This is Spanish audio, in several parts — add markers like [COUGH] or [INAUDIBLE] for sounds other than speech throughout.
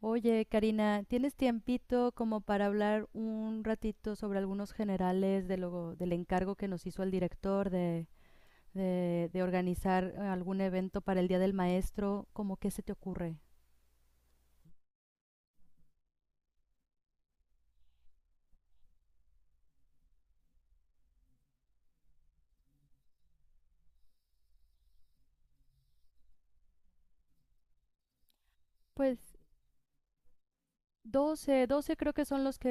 Oye, Karina, ¿tienes tiempito como para hablar un ratito sobre algunos generales de del encargo que nos hizo el director de organizar algún evento para el Día del Maestro? ¿Cómo qué se te ocurre? Pues doce creo que son los que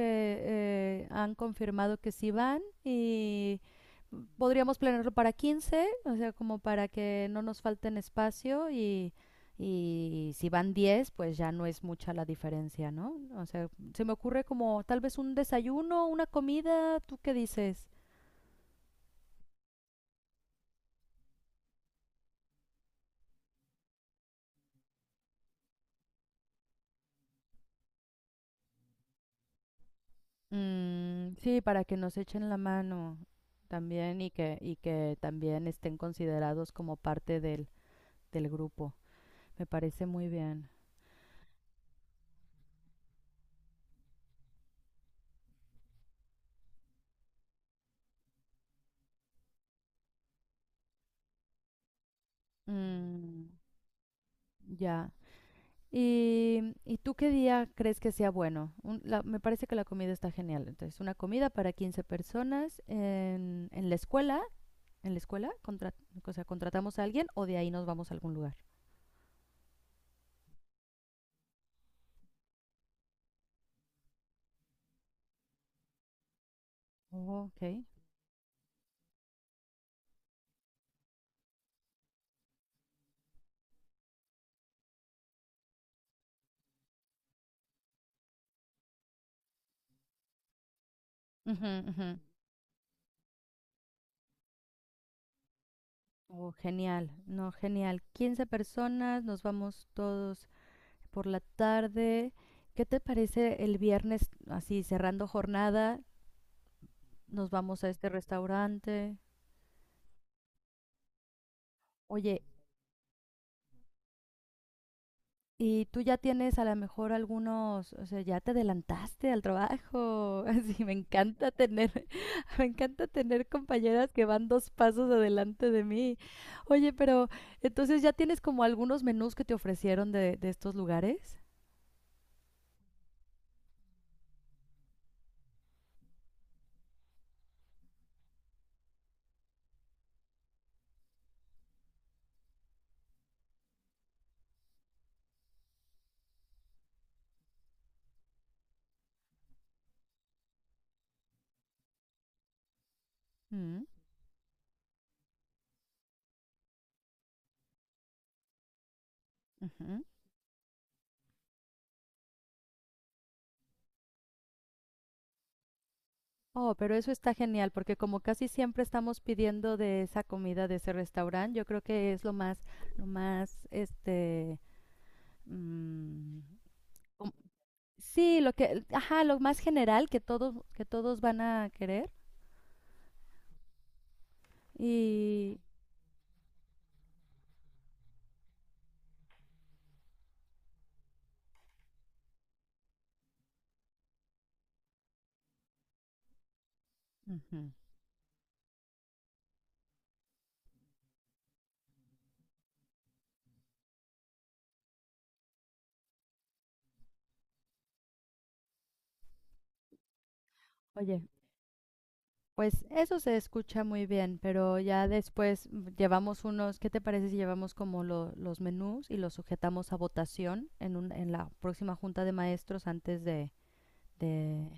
han confirmado que sí van y podríamos planearlo para quince, o sea, como para que no nos falten espacio, y si van 10 pues ya no es mucha la diferencia, ¿no? O sea, se me ocurre como tal vez un desayuno, una comida, ¿tú qué dices? Mm, sí, para que nos echen la mano también y y que también estén considerados como parte del grupo. Me parece muy bien. Mm, ya. ¿ y tú qué día crees que sea bueno? Me parece que la comida está genial. Entonces, una comida para 15 personas en la escuela. En la escuela, o sea, contratamos a alguien o de ahí nos vamos a algún lugar. Oh, ok. Ujú, ujú. Oh, genial. No, genial. 15 personas, nos vamos todos por la tarde. ¿Qué te parece el viernes, así cerrando jornada? Nos vamos a este restaurante. Oye, y tú ya tienes a lo mejor algunos, o sea, ya te adelantaste al trabajo. [LAUGHS] Así, me encanta tener, [LAUGHS] me encanta tener compañeras que van dos pasos adelante de mí. Oye, pero entonces ya tienes como algunos menús que te ofrecieron de estos lugares. Mm, ujú. Oh, pero eso está genial, porque como casi siempre estamos pidiendo de esa comida de ese restaurante, yo creo que es lo más, este, mm. Sí, lo que, ajá, lo más general que que todos van a querer. Y, ujú. Oye, pues eso se escucha muy bien, pero ya después llevamos unos, ¿qué te parece si llevamos como los menús y los sujetamos a votación en en la próxima junta de maestros antes de...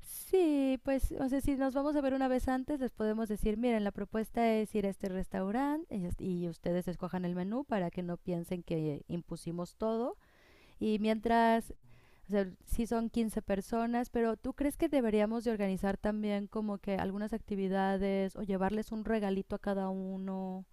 Sí, pues, o sea, si nos vamos a ver una vez antes, les podemos decir, miren, la propuesta es ir a este restaurante y ustedes escojan el menú para que no piensen que impusimos todo. Y mientras, o sea, sí son 15 personas, pero ¿tú crees que deberíamos de organizar también como que algunas actividades o llevarles un regalito a cada uno?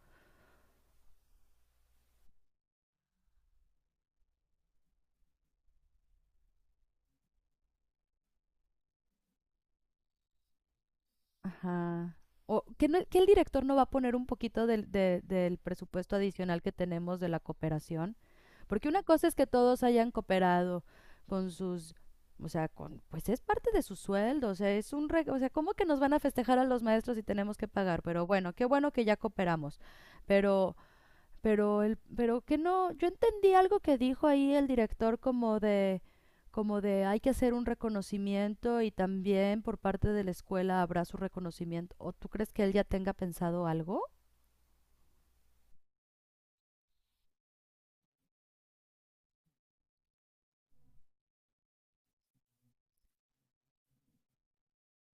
Ajá. O que, que el director no va a poner un poquito del, del presupuesto adicional que tenemos de la cooperación. Porque una cosa es que todos hayan cooperado con sus, o sea, con, pues es parte de su sueldo, o sea, es un, o sea, ¿cómo que nos van a festejar a los maestros si tenemos que pagar? Pero bueno, qué bueno que ya cooperamos. Pero el pero que no yo entendí algo que dijo ahí el director como de, como de hay que hacer un reconocimiento y también por parte de la escuela habrá su reconocimiento, o tú crees que él ya tenga pensado algo.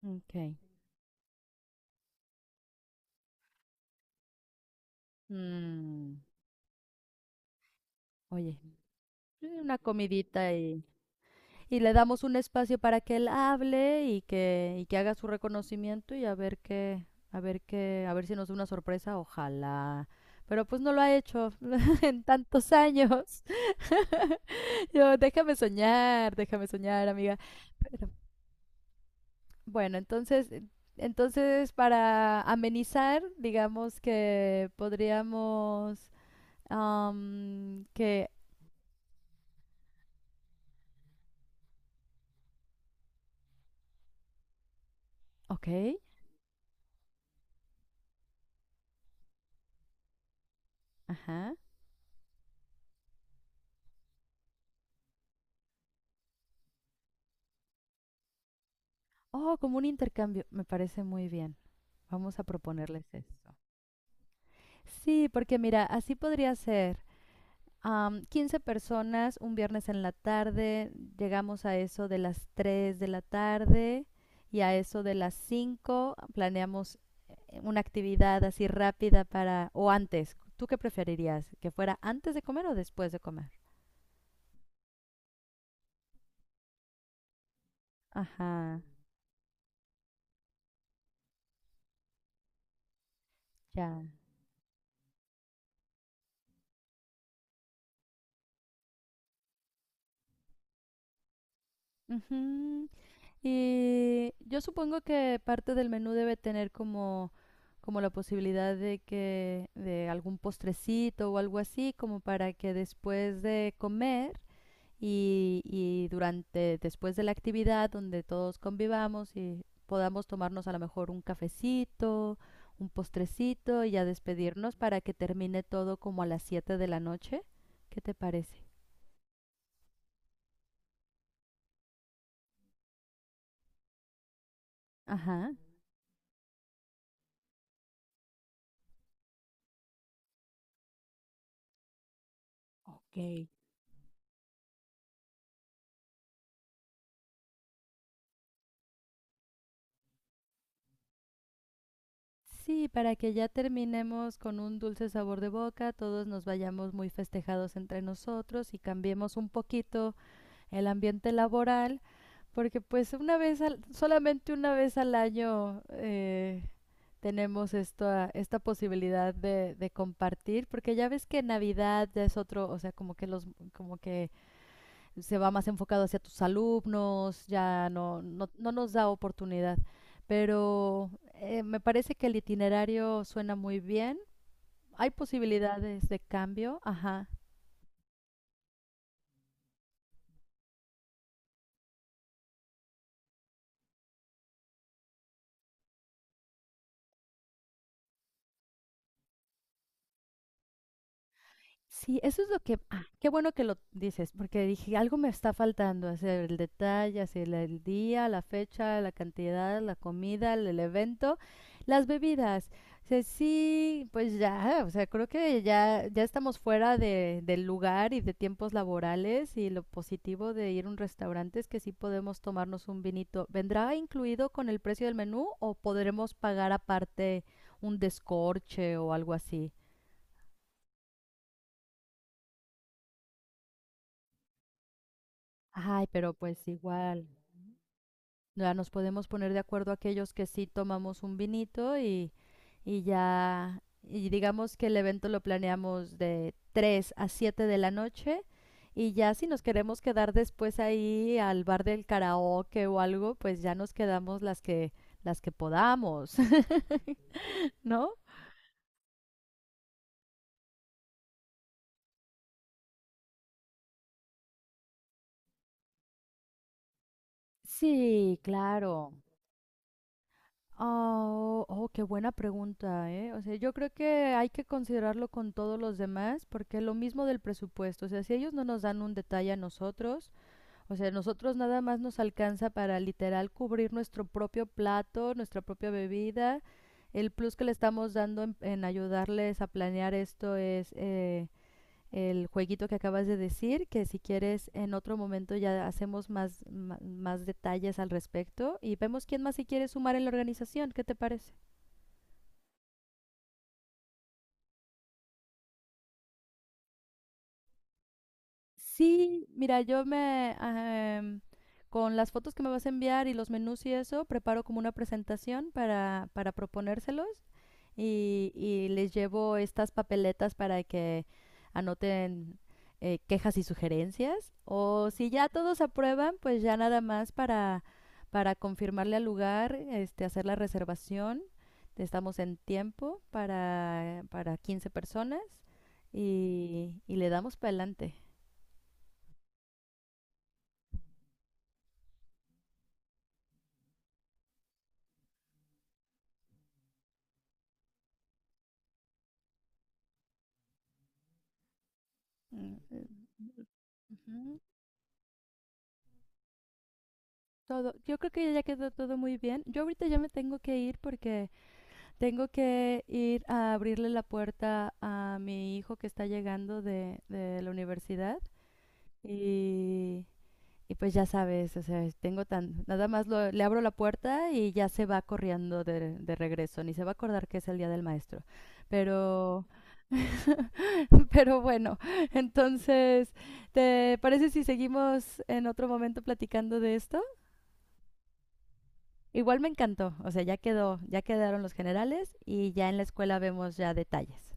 Ok. Mm, oye, una comidita, y le damos un espacio para que él hable y que, y que haga su reconocimiento y a ver qué, a ver si nos da una sorpresa, ojalá, pero pues no lo ha hecho [LAUGHS] en tantos años. Yo, déjame soñar, amiga. Pero, bueno, entonces, entonces para amenizar, digamos que podríamos am, que, ok, ajá. Oh, como un intercambio, me parece muy bien. Vamos a proponerles eso. Sí, porque mira, así podría ser. Am, 15 personas, un viernes en la tarde, llegamos a eso de las 3 de la tarde y a eso de las cinco planeamos una actividad así rápida para, o antes, ¿tú qué preferirías? ¿Que fuera antes de comer o después de comer? Ajá, ya. Ujú. Y yo supongo que parte del menú debe tener como, como la posibilidad de algún postrecito o algo así, como para que después de comer y durante, después de la actividad donde todos convivamos y podamos tomarnos a lo mejor un cafecito, un postrecito y ya despedirnos para que termine todo como a las 7 de la noche. ¿Qué te parece? Ajá. Sí, para que ya terminemos con un dulce sabor de boca, todos nos vayamos muy festejados entre nosotros y cambiemos un poquito el ambiente laboral, porque pues una vez, solamente una vez al año tenemos esta, esta posibilidad de compartir, porque ya ves que Navidad ya es otro, o sea, como que los, como que se va más enfocado hacia tus alumnos, ya no, no nos da oportunidad. Pero me parece que el itinerario suena muy bien. Hay posibilidades de cambio, ajá. Sí, eso es lo que, ah, qué bueno que lo dices, porque dije, algo me está faltando, hacer el detalle, el día, la fecha, la cantidad, la comida, el evento, las bebidas. O sea, sí, pues ya, o sea, creo que ya, ya estamos fuera de, del lugar y de tiempos laborales, y lo positivo de ir a un restaurante es que sí podemos tomarnos un vinito. ¿Vendrá incluido con el precio del menú o podremos pagar aparte un descorche o algo así? Ay, pero pues igual, ya nos podemos poner de acuerdo aquellos que sí tomamos un vinito, y ya, y digamos que el evento lo planeamos de 3 a 7 de la noche, y ya si nos queremos quedar después ahí al bar del karaoke o algo, pues ya nos quedamos las que podamos. [LAUGHS] ¿No? Sí, claro. Oh, oh, qué buena pregunta, ¿eh? O sea, yo creo que hay que considerarlo con todos los demás, porque lo mismo del presupuesto, o sea, si ellos no nos dan un detalle a nosotros, o sea, nosotros nada más nos alcanza para literal cubrir nuestro propio plato, nuestra propia bebida, el plus que le estamos dando en ayudarles a planear esto es... el jueguito que acabas de decir, que si quieres en otro momento ya hacemos más, más detalles al respecto y vemos quién más se quiere sumar en la organización. ¿Qué te parece? Sí, mira, yo me... em, con las fotos que me vas a enviar y los menús y eso, preparo como una presentación para proponérselos, y les llevo estas papeletas para que anoten quejas y sugerencias. O si ya todos aprueban, pues ya nada más para confirmarle al lugar, este, hacer la reservación. Estamos en tiempo para 15 personas, y le damos para adelante. Mm, ujú. Todo, yo creo que ya quedó todo muy bien. Yo ahorita ya me tengo que ir porque tengo que ir a abrirle la puerta a mi hijo que está llegando de la universidad y, y pues ya sabes, o sea, tengo tan, nada más le abro la puerta y ya se va corriendo de regreso, ni se va a acordar que es el Día del Maestro. Pero, [LAUGHS] pero bueno, entonces, ¿te parece si seguimos en otro momento platicando de esto? Igual me encantó, o sea, ya quedó, ya quedaron los generales y ya en la escuela vemos ya detalles.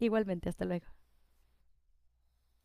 Igualmente, hasta luego.